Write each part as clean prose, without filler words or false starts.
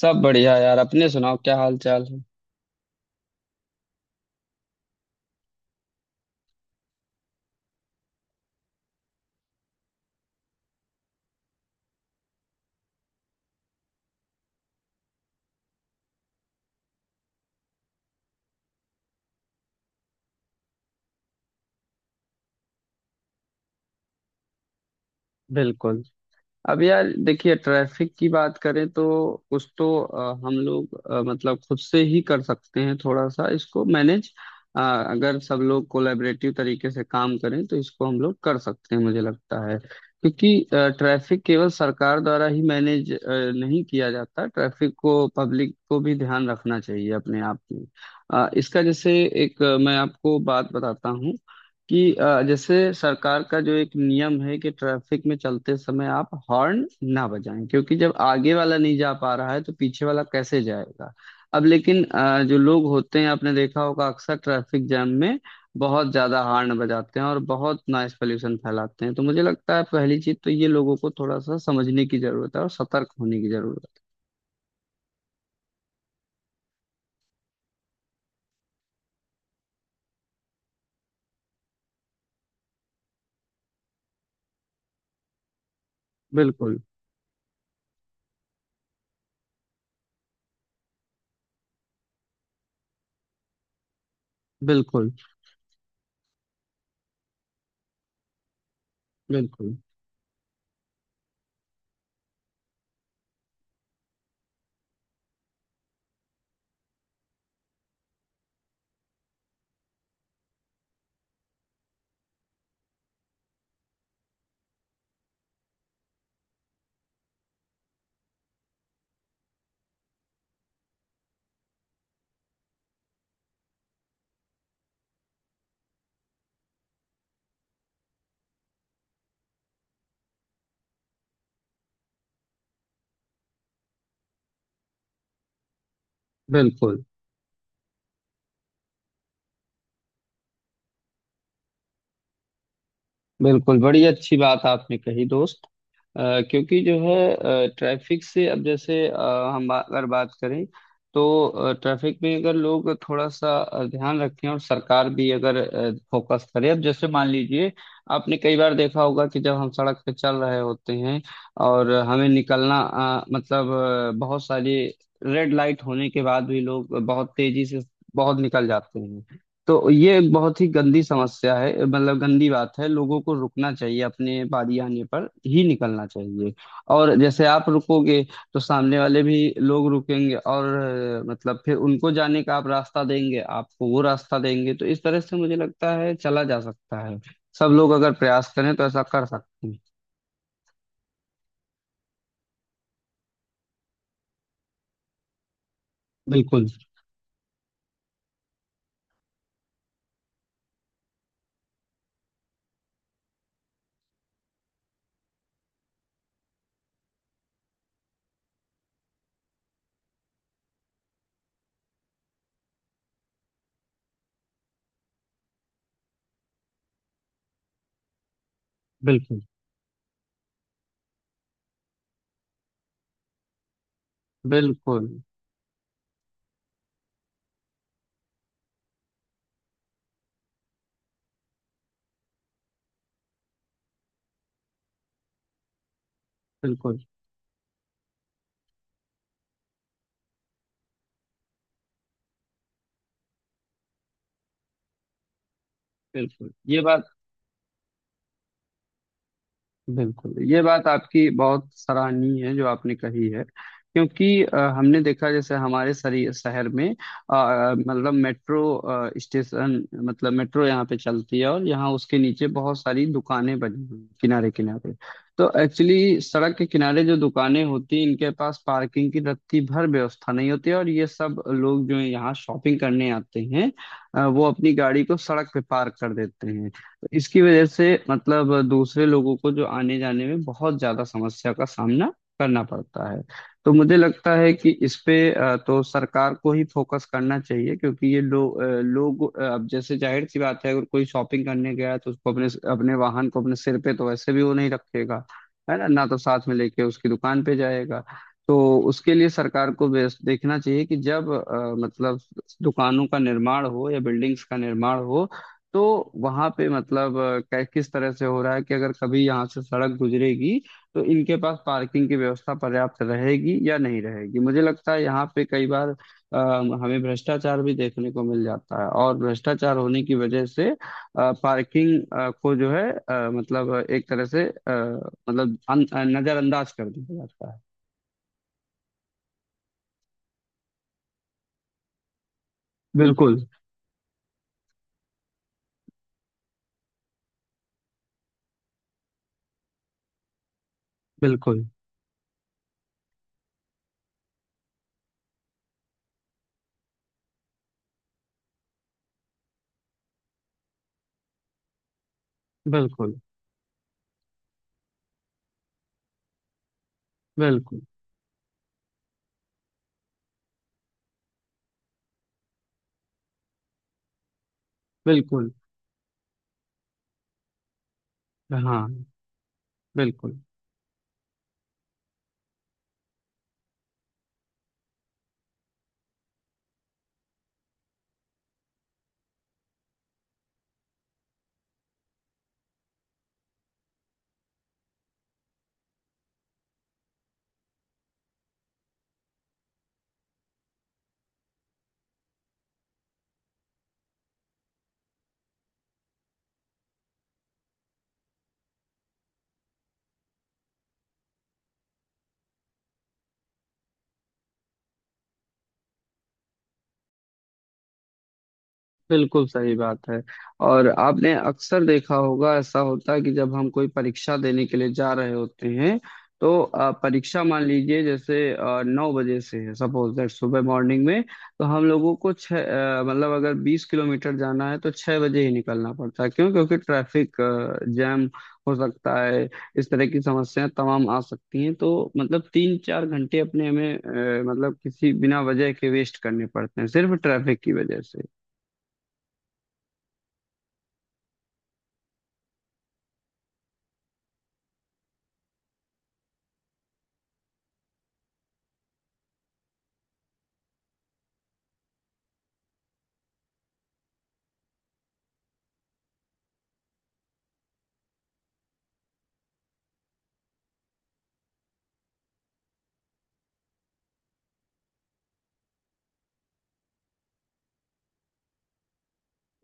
सब बढ़िया यार। अपने सुनाओ क्या हाल चाल है। बिल्कुल। अब यार देखिए ट्रैफिक की बात करें तो कुछ तो हम लोग मतलब खुद से ही कर सकते हैं थोड़ा सा इसको मैनेज। अगर सब लोग कोलैबोरेटिव तरीके से काम करें तो इसको हम लोग कर सकते हैं मुझे लगता है क्योंकि ट्रैफिक केवल सरकार द्वारा ही मैनेज नहीं किया जाता। ट्रैफिक को पब्लिक को भी ध्यान रखना चाहिए अपने आप में। इसका जैसे एक मैं आपको बात बताता हूँ कि जैसे सरकार का जो एक नियम है कि ट्रैफिक में चलते समय आप हॉर्न ना बजाएं क्योंकि जब आगे वाला नहीं जा पा रहा है तो पीछे वाला कैसे जाएगा। अब लेकिन जो लोग होते हैं आपने देखा होगा अक्सर ट्रैफिक जाम में बहुत ज्यादा हॉर्न बजाते हैं और बहुत नॉइस पॉल्यूशन फैलाते हैं। तो मुझे लगता है पहली चीज तो ये लोगों को थोड़ा सा समझने की जरूरत है और सतर्क होने की जरूरत है। बिल्कुल। बिल्कुल। बिल्कुल। बिल्कुल। बिल्कुल बड़ी अच्छी बात आपने कही दोस्त। क्योंकि जो है ट्रैफिक से अब जैसे हम अगर बात करें तो ट्रैफिक में अगर लोग थोड़ा सा ध्यान रखें और सरकार भी अगर फोकस करे। अब जैसे मान लीजिए आपने कई बार देखा होगा कि जब हम सड़क पे चल रहे होते हैं और हमें निकलना मतलब बहुत सारी रेड लाइट होने के बाद भी लोग बहुत तेजी से बहुत निकल जाते हैं। तो ये एक बहुत ही गंदी समस्या है मतलब गंदी बात है। लोगों को रुकना चाहिए अपने बारी आने पर ही निकलना चाहिए। और जैसे आप रुकोगे तो सामने वाले भी लोग रुकेंगे और मतलब फिर उनको जाने का आप रास्ता देंगे आपको वो रास्ता देंगे तो इस तरह से मुझे लगता है चला जा सकता है। सब लोग अगर प्रयास करें तो ऐसा कर सकते हैं। बिल्कुल। बिल्कुल। बिल्कुल। बिल्कुल। बिल्कुल ये बात। बिल्कुल ये बात आपकी बहुत सराहनीय है जो आपने कही है। क्योंकि हमने देखा जैसे हमारे शहर में मतलब मेट्रो स्टेशन मतलब मेट्रो यहाँ पे चलती है और यहाँ उसके नीचे बहुत सारी दुकानें बनी हुई किनारे किनारे। तो एक्चुअली सड़क के किनारे जो दुकानें होती हैं इनके पास पार्किंग की रत्ती भर व्यवस्था नहीं होती है, और ये सब लोग जो यहाँ शॉपिंग करने आते हैं वो अपनी गाड़ी को सड़क पे पार्क कर देते हैं। इसकी वजह से मतलब दूसरे लोगों को जो आने जाने में बहुत ज्यादा समस्या का सामना करना पड़ता है। तो मुझे लगता है कि इस पे तो सरकार को ही फोकस करना चाहिए क्योंकि ये लोग अब जैसे जाहिर सी बात है अगर कोई शॉपिंग करने गया तो उसको अपने अपने वाहन को अपने सिर पे तो वैसे भी वो नहीं रखेगा है ना। ना तो साथ में लेके उसकी दुकान पे जाएगा। तो उसके लिए सरकार को देखना चाहिए कि जब मतलब दुकानों का निर्माण हो या बिल्डिंग्स का निर्माण हो तो वहां पे मतलब किस तरह से हो रहा है कि अगर कभी यहाँ से सड़क गुजरेगी तो इनके पास पार्किंग की व्यवस्था पर्याप्त रहेगी या नहीं रहेगी। मुझे लगता है यहाँ पे कई बार हमें भ्रष्टाचार भी देखने को मिल जाता है और भ्रष्टाचार होने की वजह से पार्किंग को जो है मतलब एक तरह से मतलब नजरअंदाज कर दिया जाता है। बिल्कुल। बिल्कुल। बिल्कुल। बिल्कुल। बिल्कुल। हाँ। बिल्कुल। बिल्कुल सही बात है। और आपने अक्सर देखा होगा ऐसा होता है कि जब हम कोई परीक्षा देने के लिए जा रहे होते हैं तो परीक्षा मान लीजिए जैसे 9 बजे से है सपोज दैट सुबह मॉर्निंग में। तो हम लोगों को छः मतलब अगर 20 किलोमीटर जाना है तो 6 बजे ही निकलना पड़ता है क्यों क्योंकि ट्रैफिक जैम हो सकता है। इस तरह की समस्याएं तमाम आ सकती हैं तो मतलब 3 4 घंटे अपने हमें मतलब किसी बिना वजह के वेस्ट करने पड़ते हैं सिर्फ ट्रैफिक की वजह से।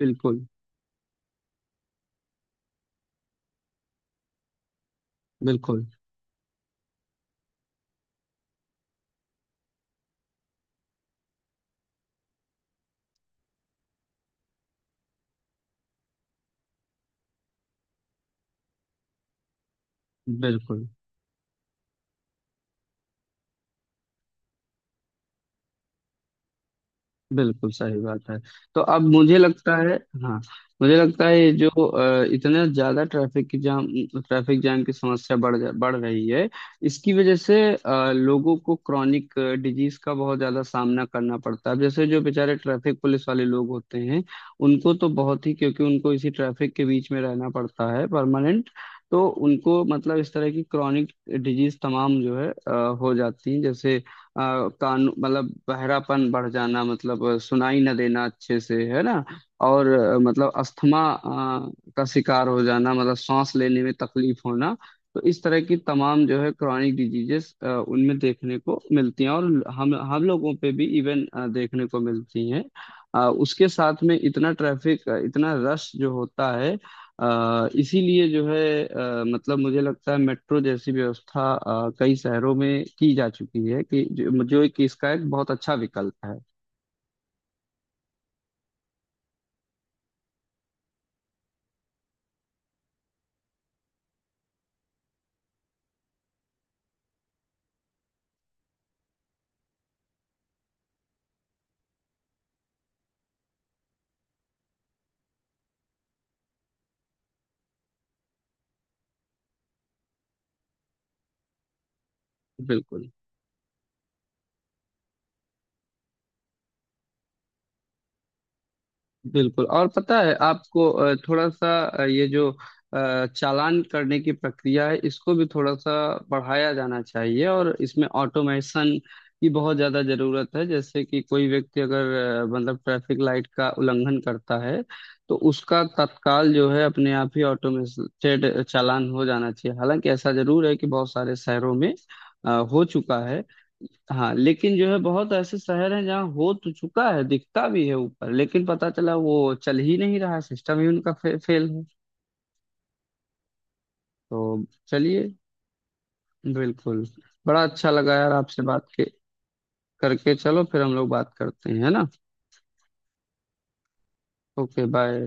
बिल्कुल। बिल्कुल। बिल्कुल। बिल्कुल सही बात है। तो अब मुझे लगता है। हाँ। मुझे लगता है ये जो इतना ज्यादा ट्रैफिक की जाम ट्रैफिक जाम की समस्या बढ़ रही है। इसकी वजह से लोगों को क्रॉनिक डिजीज का बहुत ज्यादा सामना करना पड़ता है। अब जैसे जो बेचारे ट्रैफिक पुलिस वाले लोग होते हैं उनको तो बहुत ही क्योंकि उनको इसी ट्रैफिक के बीच में रहना पड़ता है परमानेंट। तो उनको मतलब इस तरह की क्रॉनिक डिजीज तमाम जो है हो जाती हैं जैसे कान मतलब बहरापन बढ़ जाना मतलब सुनाई न देना अच्छे से है ना। और मतलब अस्थमा का शिकार हो जाना मतलब सांस लेने में तकलीफ होना। तो इस तरह की तमाम जो है क्रॉनिक डिजीजेस उनमें देखने को मिलती हैं और हम लोगों पे भी इवन देखने को मिलती हैं। उसके साथ में इतना ट्रैफिक इतना रश जो होता है इसीलिए जो है मतलब मुझे लगता है मेट्रो जैसी व्यवस्था कई शहरों में की जा चुकी है कि जो एक इसका एक बहुत अच्छा विकल्प है। बिल्कुल। बिल्कुल और पता है आपको थोड़ा सा ये जो चालान करने की प्रक्रिया है इसको भी थोड़ा सा बढ़ाया जाना चाहिए और इसमें ऑटोमेशन की बहुत ज्यादा जरूरत है। जैसे कि कोई व्यक्ति अगर मतलब ट्रैफिक लाइट का उल्लंघन करता है तो उसका तत्काल जो है अपने आप ही ऑटोमेटेड चालान हो जाना चाहिए। हालांकि ऐसा जरूर है कि बहुत सारे शहरों में हो चुका है। हाँ लेकिन जो है बहुत ऐसे शहर हैं जहाँ हो तो चुका है दिखता भी है ऊपर लेकिन पता चला वो चल ही नहीं रहा सिस्टम ही उनका फेल है। तो चलिए। बिल्कुल। बड़ा अच्छा लगा यार आपसे बात के करके। चलो फिर हम लोग बात करते हैं है ना। Okay bye.